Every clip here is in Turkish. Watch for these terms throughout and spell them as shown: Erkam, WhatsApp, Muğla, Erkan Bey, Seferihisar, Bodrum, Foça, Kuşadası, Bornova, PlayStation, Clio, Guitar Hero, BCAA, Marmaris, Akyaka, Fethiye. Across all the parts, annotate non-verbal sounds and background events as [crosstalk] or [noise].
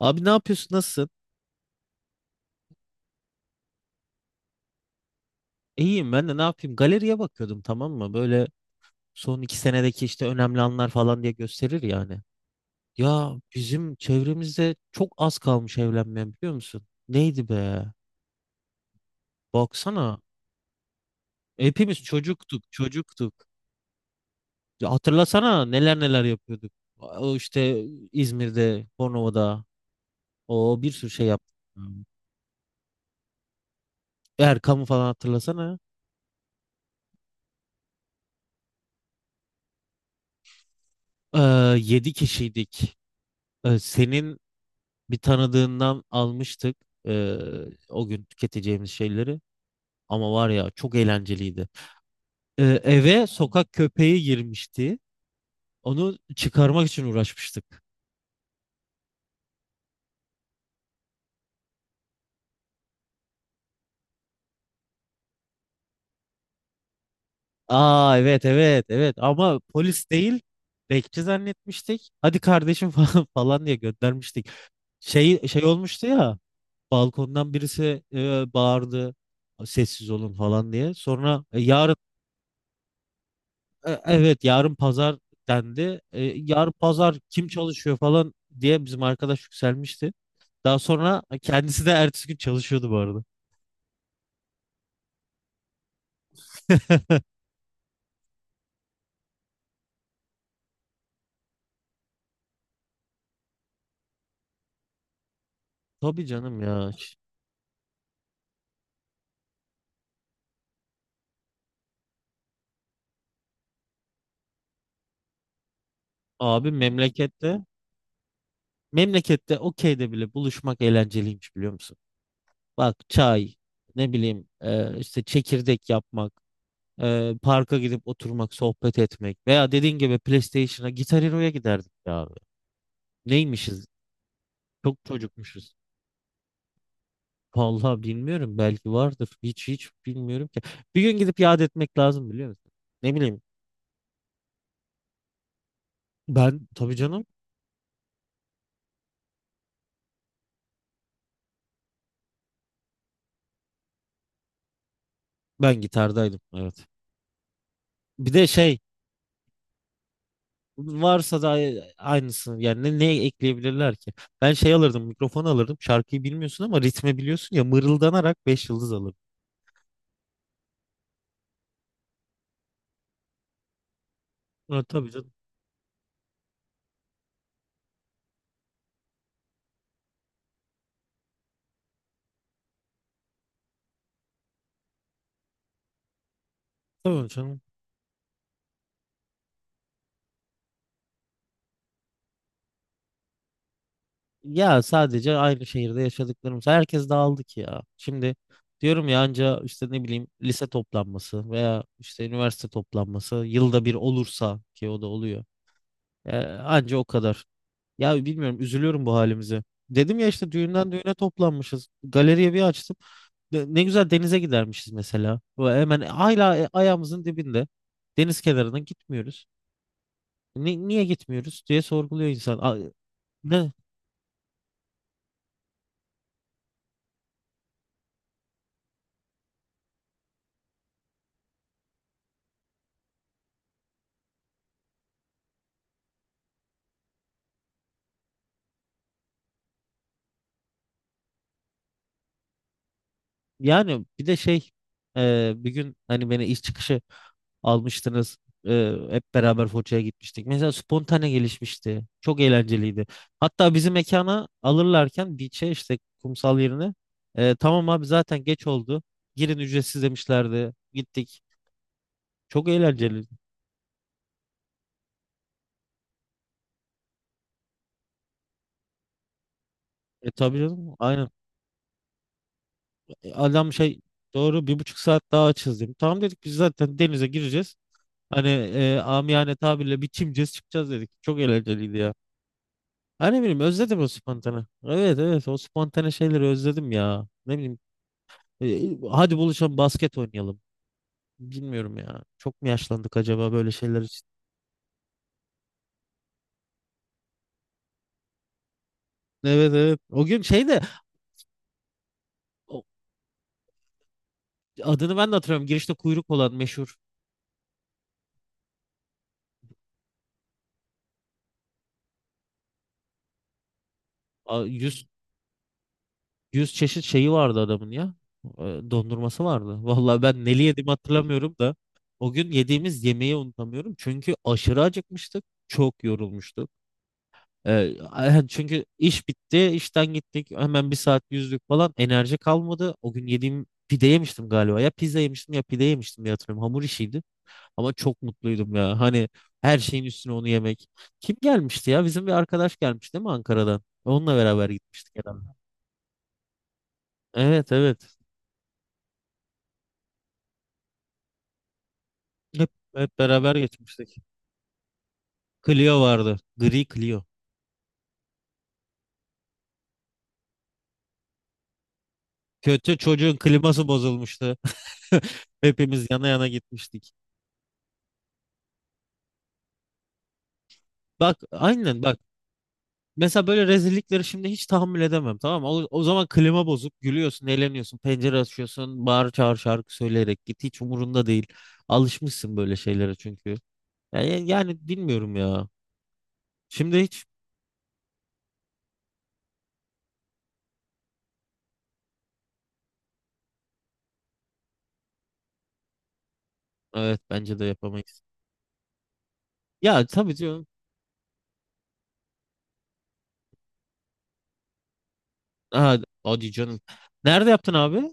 Abi ne yapıyorsun? Nasılsın? İyiyim ben de ne yapayım? Galeriye bakıyordum tamam mı? Böyle son 2 senedeki işte önemli anlar falan diye gösterir yani. Ya bizim çevremizde çok az kalmış evlenmeyen biliyor musun? Neydi be? Baksana. Hepimiz çocuktuk, çocuktuk. Ya hatırlasana neler neler yapıyorduk. O işte İzmir'de, Bornova'da o bir sürü şey yaptık. Erkam'ı falan hatırlasana. Ee, 7 kişiydik. Senin bir tanıdığından almıştık, e, o gün tüketeceğimiz şeyleri. Ama var ya çok eğlenceliydi. Eve sokak köpeği girmişti. Onu çıkarmak için uğraşmıştık. Evet evet evet, ama polis değil bekçi zannetmiştik. Hadi kardeşim [laughs] falan falan diye göndermiştik. Şey olmuştu ya, balkondan birisi bağırdı, sessiz olun falan diye. Sonra yarın, evet yarın pazar dendi. Yarın pazar kim çalışıyor falan diye bizim arkadaş yükselmişti. Daha sonra kendisi de ertesi gün çalışıyordu bu arada. Tabii canım ya. Abi memlekette, okeyde bile buluşmak eğlenceliymiş biliyor musun? Bak çay, ne bileyim, işte çekirdek yapmak, parka gidip oturmak, sohbet etmek, veya dediğin gibi PlayStation'a, Guitar Hero'ya giderdik ya abi. Neymişiz? Çok çocukmuşuz. Vallahi bilmiyorum, belki vardır. Hiç bilmiyorum ki. Bir gün gidip yad etmek lazım biliyor musun? Ne bileyim. Ben, tabii canım, ben gitardaydım, evet. Bir de şey, aynısını, yani ne ekleyebilirler ki? Ben şey alırdım, mikrofon alırdım, şarkıyı bilmiyorsun ama ritmi biliyorsun ya, mırıldanarak 5 yıldız alırdım. Evet, tabii canım. Tabii canım. Ya sadece aynı şehirde yaşadıklarımız. Herkes dağıldı ki ya. Şimdi diyorum ya, anca işte ne bileyim lise toplanması veya işte üniversite toplanması yılda bir olursa, ki o da oluyor. Ee, Anca o kadar. Ya bilmiyorum, üzülüyorum bu halimize. Dedim ya, işte düğünden düğüne toplanmışız. Galeriye bir açtım. Ne ne güzel denize gidermişiz mesela. Ve hemen hala, ayağımızın dibinde. Deniz kenarına gitmiyoruz. Niye gitmiyoruz diye sorguluyor insan. Ne, Yani bir de şey, bir gün hani beni iş çıkışı almıştınız. Hep beraber Foça'ya gitmiştik. Mesela spontane gelişmişti. Çok eğlenceliydi. Hatta bizi mekana alırlarken beach'e, işte kumsal yerine, tamam abi zaten geç oldu, girin ücretsiz demişlerdi. Gittik. Çok eğlenceliydi. Tabii canım. Aynen. Adam şey, doğru, 1,5 saat daha açız dedim. Tamam dedik, biz zaten denize gireceğiz. Hani, amiyane tabirle, bir çimeceğiz çıkacağız dedik. Çok eğlenceliydi ya. Ha, ne bileyim, özledim o spontane. Evet evet, o spontane şeyleri özledim ya. Ne bileyim, hadi buluşalım, basket oynayalım. Bilmiyorum ya. Çok mu yaşlandık acaba böyle şeyler için? Evet evet. O gün şey de, o- adını ben de hatırlıyorum. Girişte kuyruk olan meşhur, a, 100 100 çeşit şeyi vardı adamın ya. E, Dondurması vardı. [laughs] Vallahi ben neli yediğimi hatırlamıyorum da, o gün yediğimiz yemeği unutamıyorum. Çünkü aşırı acıkmıştık. Çok yorulmuştuk. Çünkü iş bitti, işten gittik. Hemen bir saat yüzdük falan. Enerji kalmadı. O gün yediğim, pide yemiştim galiba. Ya pizza yemiştim ya pide yemiştim diye hatırlıyorum. Hamur işiydi. Ama çok mutluydum ya. Hani, her şeyin üstüne onu yemek. Kim gelmişti ya? Bizim bir arkadaş gelmiş değil mi Ankara'dan? Onunla beraber gitmiştik herhalde. Evet evet. Hep, hep beraber gitmiştik. Clio vardı. Gri Clio. Kötü, çocuğun kliması bozulmuştu. [laughs] Hepimiz yana yana gitmiştik. Bak aynen bak. Mesela böyle rezillikleri şimdi hiç tahammül edemem, tamam mı? O zaman klima bozuk, gülüyorsun, eğleniyorsun, pencere açıyorsun, bağır çağır şarkı söyleyerek git, hiç umurunda değil. Alışmışsın böyle şeylere çünkü. Yani bilmiyorum ya. Şimdi hiç, evet, bence de yapamayız. Ya tabii diyorum. Ha, hadi canım. Nerede yaptın abi?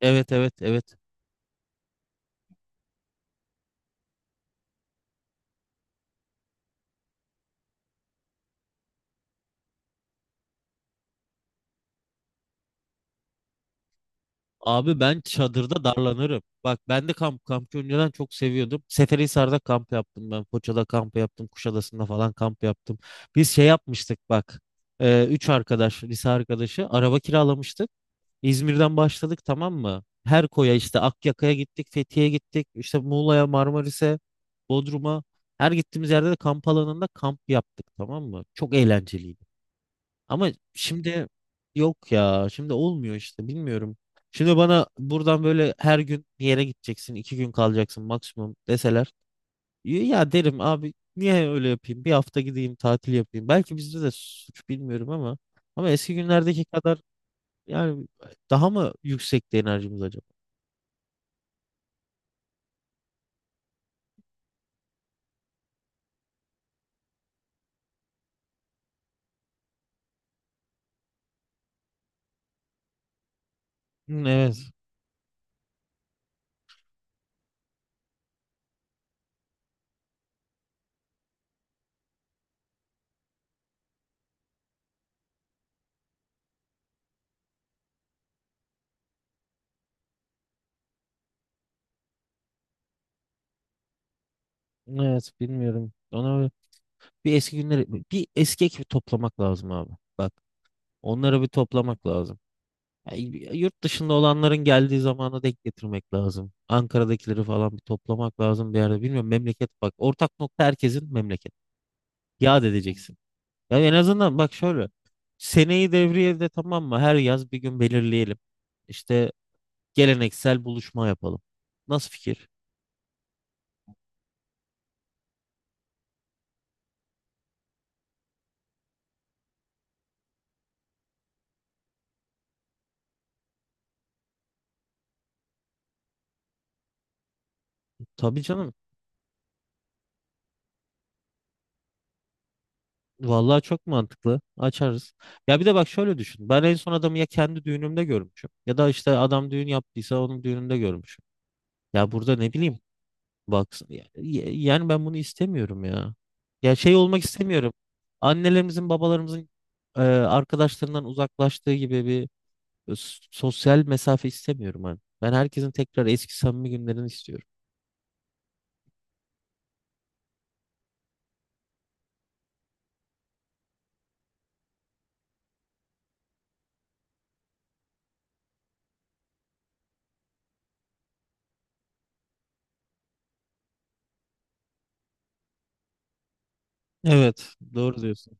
Evet evet evet. Abi ben çadırda darlanırım. Bak, ben de kampı önceden çok seviyordum. Seferihisar'da kamp yaptım ben. Foça'da kamp yaptım. Kuşadası'nda falan kamp yaptım. Biz şey yapmıştık bak. Üç arkadaş, lise arkadaşı, araba kiralamıştık. İzmir'den başladık tamam mı? Her koya, işte Akyaka'ya gittik, Fethiye'ye gittik, işte Muğla'ya, Marmaris'e, Bodrum'a. Her gittiğimiz yerde de kamp alanında kamp yaptık, tamam mı? Çok eğlenceliydi. Ama şimdi yok ya, şimdi olmuyor işte, bilmiyorum. Şimdi bana buradan böyle her gün bir yere gideceksin, 2 gün kalacaksın maksimum deseler. Ya derim abi niye öyle yapayım? Bir hafta gideyim tatil yapayım. Belki bizde de suç, bilmiyorum, ama eski günlerdeki kadar, yani daha mı yüksekti enerjimiz acaba? Hmm, evet. Evet, bilmiyorum. Ona Bir eski günleri Bir eski ekibi toplamak lazım abi. Bak, onları bir toplamak lazım. Yani yurt dışında olanların geldiği zamana denk getirmek lazım. Ankara'dakileri falan bir toplamak lazım bir yerde. Bilmiyorum, memleket, bak, ortak nokta herkesin, memleket. Yad edeceksin. Ya en azından bak şöyle. Seneyi devriyede, tamam mı? Her yaz bir gün belirleyelim. İşte geleneksel buluşma yapalım. Nasıl fikir? Tabii canım. Vallahi çok mantıklı. Açarız. Ya bir de bak şöyle düşün. Ben en son adamı ya kendi düğünümde görmüşüm. Ya da işte adam düğün yaptıysa onun düğününde görmüşüm. Ya burada ne bileyim. Bak, yani ben bunu istemiyorum ya. Ya şey olmak istemiyorum. Annelerimizin, babalarımızın arkadaşlarından uzaklaştığı gibi bir sosyal mesafe istemiyorum ben. Ben herkesin tekrar eski samimi günlerini istiyorum. Evet, doğru diyorsun.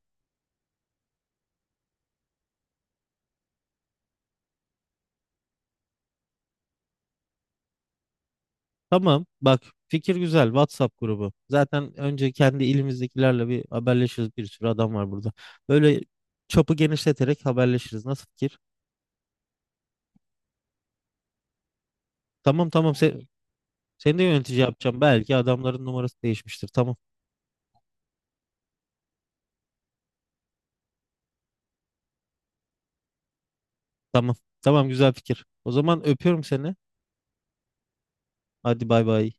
Tamam, bak, fikir güzel. WhatsApp grubu. Zaten önce kendi ilimizdekilerle bir haberleşiriz. Bir sürü adam var burada. Böyle çapı genişleterek haberleşiriz. Nasıl fikir? Tamam tamam, seni de yönetici yapacağım. Belki adamların numarası değişmiştir. Tamam tamam. Tamam, güzel fikir. O zaman öpüyorum seni. Hadi bay bay.